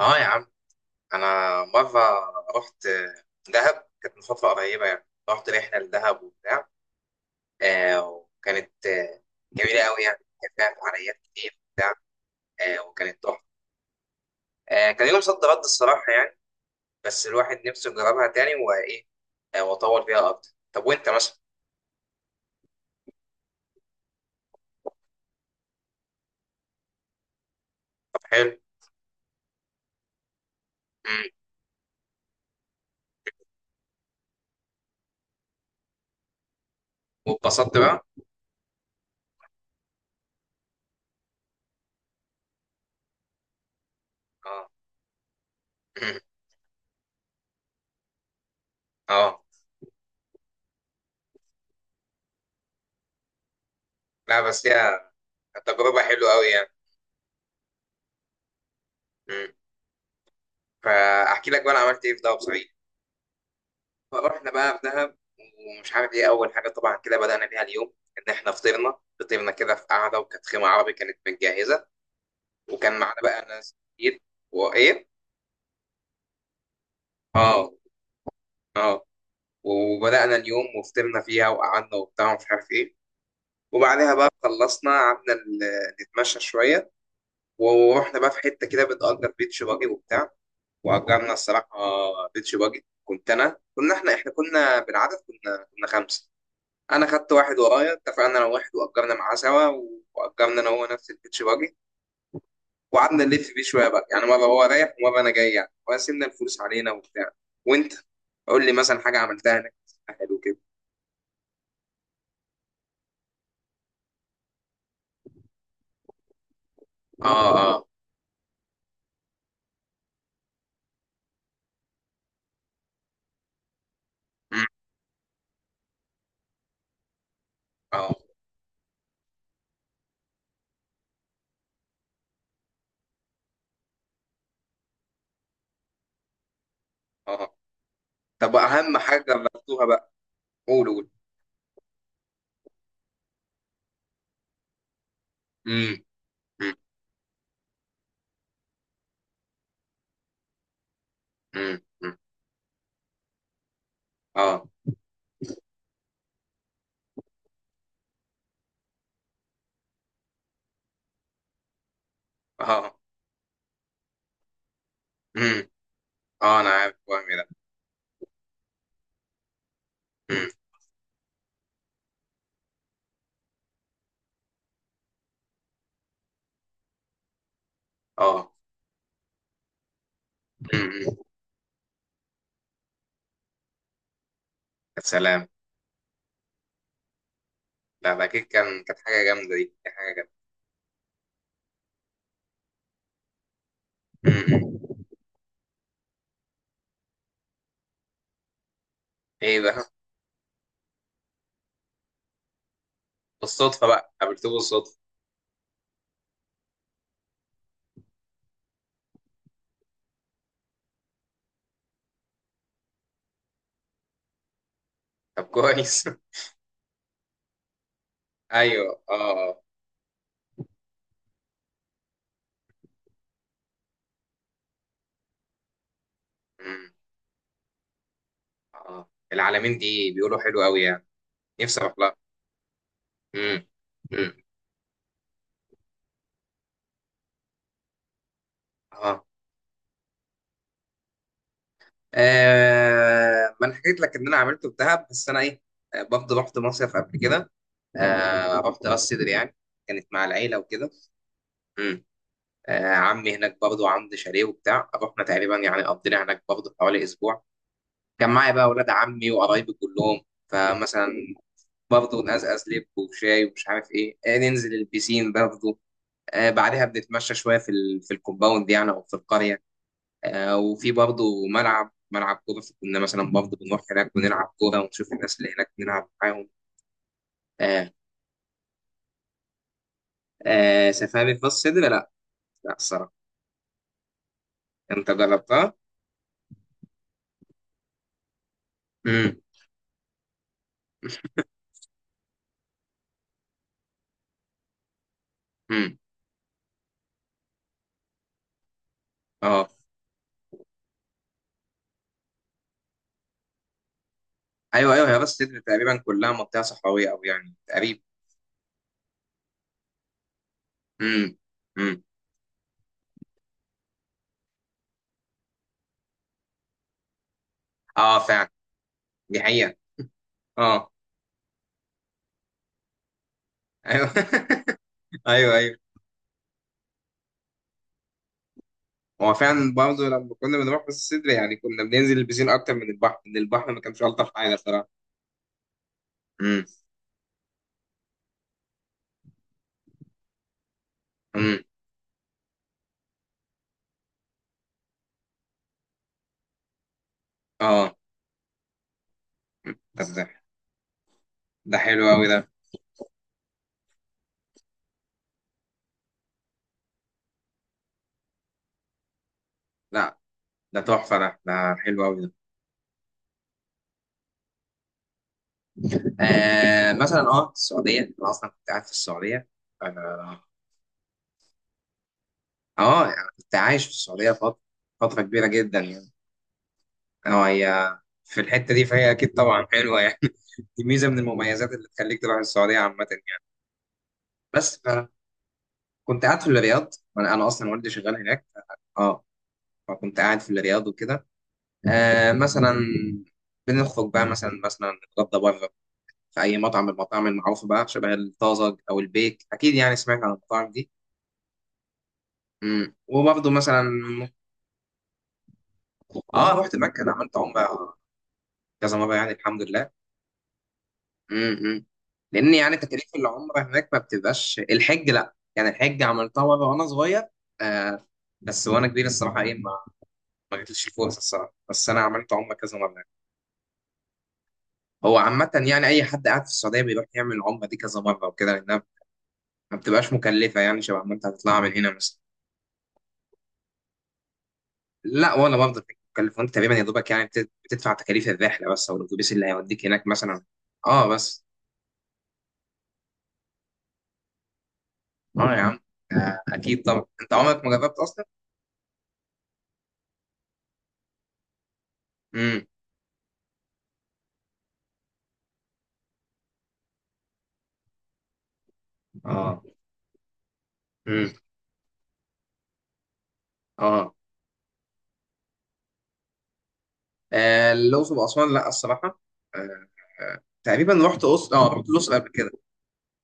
اه، يا عم. انا مره رحت دهب، كانت من فتره قريبه، يعني رحت رحله لدهب وبتاع. وكانت جميله قوي، يعني كان فيها فعاليات كتير وبتاع. وكانت تحفه. كان يوم صد رد، الصراحه يعني. بس الواحد نفسه يجربها تاني وايه. واطول فيها اكتر. طب وانت مثلا؟ طب حلو. مم. واتبسطت بقى. اه. مم. اه. لا بس هي تجربه حلوه قوي يعني. مم. فاحكي لك بقى انا عملت ايه في دهب صحيح. فروحنا بقى في دهب، ومش عارف ايه، اول حاجه طبعا كده بدانا بيها اليوم ان احنا فطرنا كده في قعده، وكانت خيمه عربي كانت متجهزه. وكان معانا بقى ناس كتير وايه. اه. اه. وبدانا اليوم وفطرنا فيها وقعدنا وبتاع ومش عارف ايه. وبعدها بقى خلصنا قعدنا نتمشى شويه. ورحنا بقى في حته كده بتأجر بيتش باجي وبتاع. واجرنا الصراحه بيتش باجي. كنت انا، كنا احنا، كنا بالعدد، كنا خمسه. انا خدت واحد ورايا، اتفقنا انا واحد واجرنا معاه سوا. واجرنا انا هو نفس البيتش باجي، وقعدنا نلف بيه شويه بقى، يعني مره هو رايح ومره انا جاي يعني، وقسمنا الفلوس علينا وبتاع. وانت قول لي مثلا حاجه عملتها هناك. حلو كده. اه. اه. مم، اه. اه. طب اهم حاجه جربتوها بقى؟ قول قول. امم، امم، امم، أمم. اه. اه. امم. اه، انا عارف وهمي ده. امم. اه. امم، أمم. يا سلام. لا، ده اكيد كانت حاجه جامده، دي كانت حاجه جامده. أمم، أمم. ايه بقى؟ بالصدفة بقى قابلته بالصدفة. طب كويس. ايوه، اه. اه. امم. اه، العالمين دي بيقولوا حلو قوي يعني. نفسي اروح لها. امم. امم. اه. آه، ما انا حكيت لك ان انا عملته في دهب، بس انا ايه، آه، برضه رحت مصيف قبل كده. آه، رحت راس سدر يعني، كانت مع العيله وكده. امم. آه، عمي هناك برضه عنده شاليه وبتاع، رحنا تقريبا يعني قضينا هناك برضه حوالي اسبوع. كان معايا بقى اولاد عمي وقرايبي كلهم، فمثلا برضه نقزقز لب وشاي ومش عارف ايه، ننزل البيسين برضه. بعدها بنتمشى شويه في الكومباوند يعني او في القريه. وفي برضه ملعب كوره، كنا مثلا برضه بنروح هناك ونلعب كوره ونشوف الناس اللي هناك نلعب معاهم. آه. آه، سفاري في راس سدر لا. لا الصراحه، انت جربتها؟ امم. امم. اه. ايوه ايوه، هي راس سدر تقريبا كلها منطقه صحراويه، او يعني تقريبا. امم. امم. اه فعلا. دي حقيقه. اه. ايوه ايوه ايوه. هو فعلا برضه لما كنا بنروح بس الصدر يعني كنا بننزل البسين اكتر من البحر، ما كانش الطف حاجه بصراحه. امم. امم. اه. طب ده حلو قوي ده. لا، ده تحفه ده ده حلو قوي ده. آه مثلا، اه السعوديه، انا اصلا كنت قاعد في السعوديه. انا، اه يعني كنت عايش في السعوديه فتره، فتره كبيره جدا يعني. اه هي في الحته دي، فهي اكيد طبعا حلوه يعني. دي ميزه من المميزات اللي تخليك تروح السعوديه عامه يعني. بس فكنت قاعد في الرياض. انا اصلا والدي شغال هناك. اه. آه. فكنت قاعد في الرياض وكده. آه مثلا، بنخرج بقى مثلا، نتغدى بره في اي مطعم من المطاعم المعروفه بقى، شبه الطازج او البيك، اكيد يعني سمعت عن المطاعم دي. امم. وبرضه مثلا اه رحت مكه، عملت عمره كذا مره يعني الحمد لله. امم. لان يعني تكاليف العمره هناك ما بتبقاش، الحج لا، يعني الحج عملتها مره وانا صغير. آه. بس وانا كبير الصراحه ايه، ما ما جاتليش الفرصه الصراحه، بس انا عملت عمره كذا مره. هو عامة يعني أي حد قاعد في السعودية بيروح يعمل العمرة دي كذا مرة وكده، لأنها ما بتبقاش مكلفة، يعني شبه ما أنت هتطلعها من هنا مثلا. لا ولا برضه فكرة مكلفة، وأنت تقريبا يا دوبك يعني بتدفع تكاليف الرحلة بس، أو الأتوبيس اللي هيوديك هناك مثلا. أه بس. أه يا عم. آه، أكيد طبعا، أنت عمرك ما جربت أصلا؟ امم. اه. امم. اه. آه، الأقصر وأسوان لا الصراحة. آه. آه، تقريبا رحت أقصر، أه رحت الأقصر قبل كده،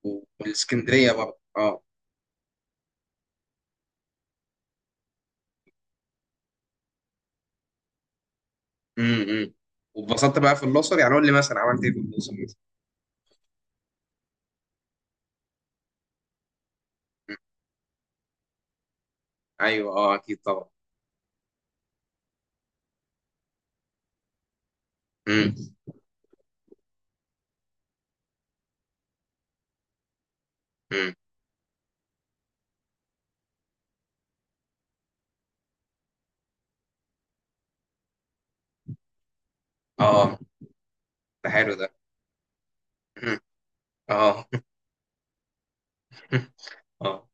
والإسكندرية برضه أه. امم. امم. واتبسطت بقى في الأقصر يعني؟ قول لي مثلا عملت إيه في الأقصر. مم. ايوه، اه اكيد طبعا. مم. مم. اه. ده حلو ده. مم. اه. اه.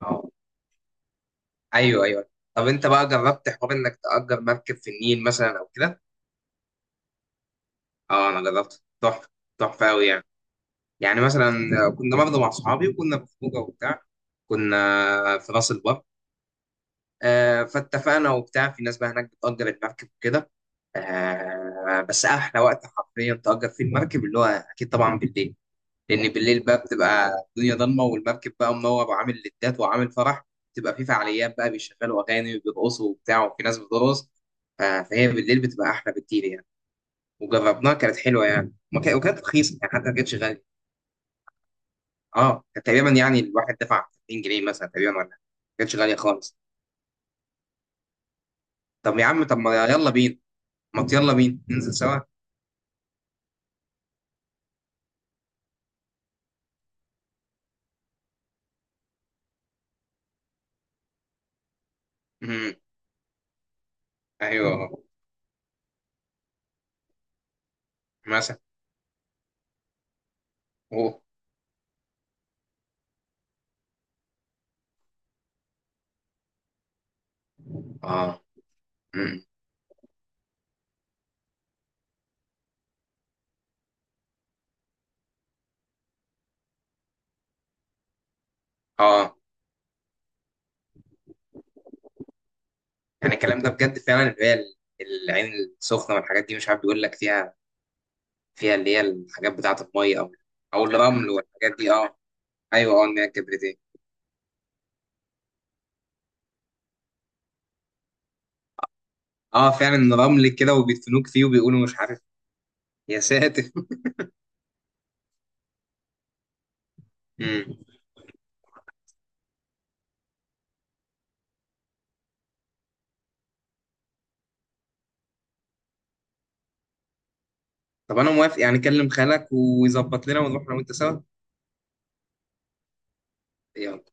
اه. ايوه ايوه. طب انت بقى جربت حوار انك تأجر مركب في النيل مثلا او كده؟ اه انا جربت، تحفه. تحفه قوي يعني. يعني مثلا كنا برضه مع صحابي، وكنا في خروجه وبتاع، كنا في راس البر. آه، فاتفقنا وبتاع، في ناس بقى هناك بتأجر المركب وكده. آه، بس احلى وقت حرفيا تأجر فيه المركب اللي هو اكيد طبعا بالليل، لان بالليل بقى بتبقى الدنيا ضلمه والمركب بقى منور وعامل لدات وعامل فرح. بتبقى في فعاليات بقى، بيشغلوا اغاني وبيرقصوا وبتاع، وفي ناس بترقص. فهي بالليل بتبقى احلى بكتير يعني. وجربناها كانت حلوه يعني، وكانت رخيصه يعني، حتى ما كانتش غاليه. اه كانت تقريبا يعني الواحد دفع 30 جنيه مثلا تقريبا ولا حاجة. ما كانتش غاليه خالص. طب يا عم، طب ما يلا بينا، ما يلا بينا ننزل سوا. امم. ايوه مثلا. اوه. اه. امم. اه. يعني الكلام ده بجد فعلا اللي هي العين السخنه والحاجات دي، مش عارف بيقول لك فيها، فيها اللي هي الحاجات بتاعه الميه او او الرمل والحاجات دي اه. ايوه، اه ان هي الكبريتيه. اه فعلا، رمل كده وبيدفنوك فيه، وبيقولوا مش عارف. يا ساتر. مم. طب انا موافق، يعني كلم خالك ويظبط لنا ونروح انا وانت سوا. يلا.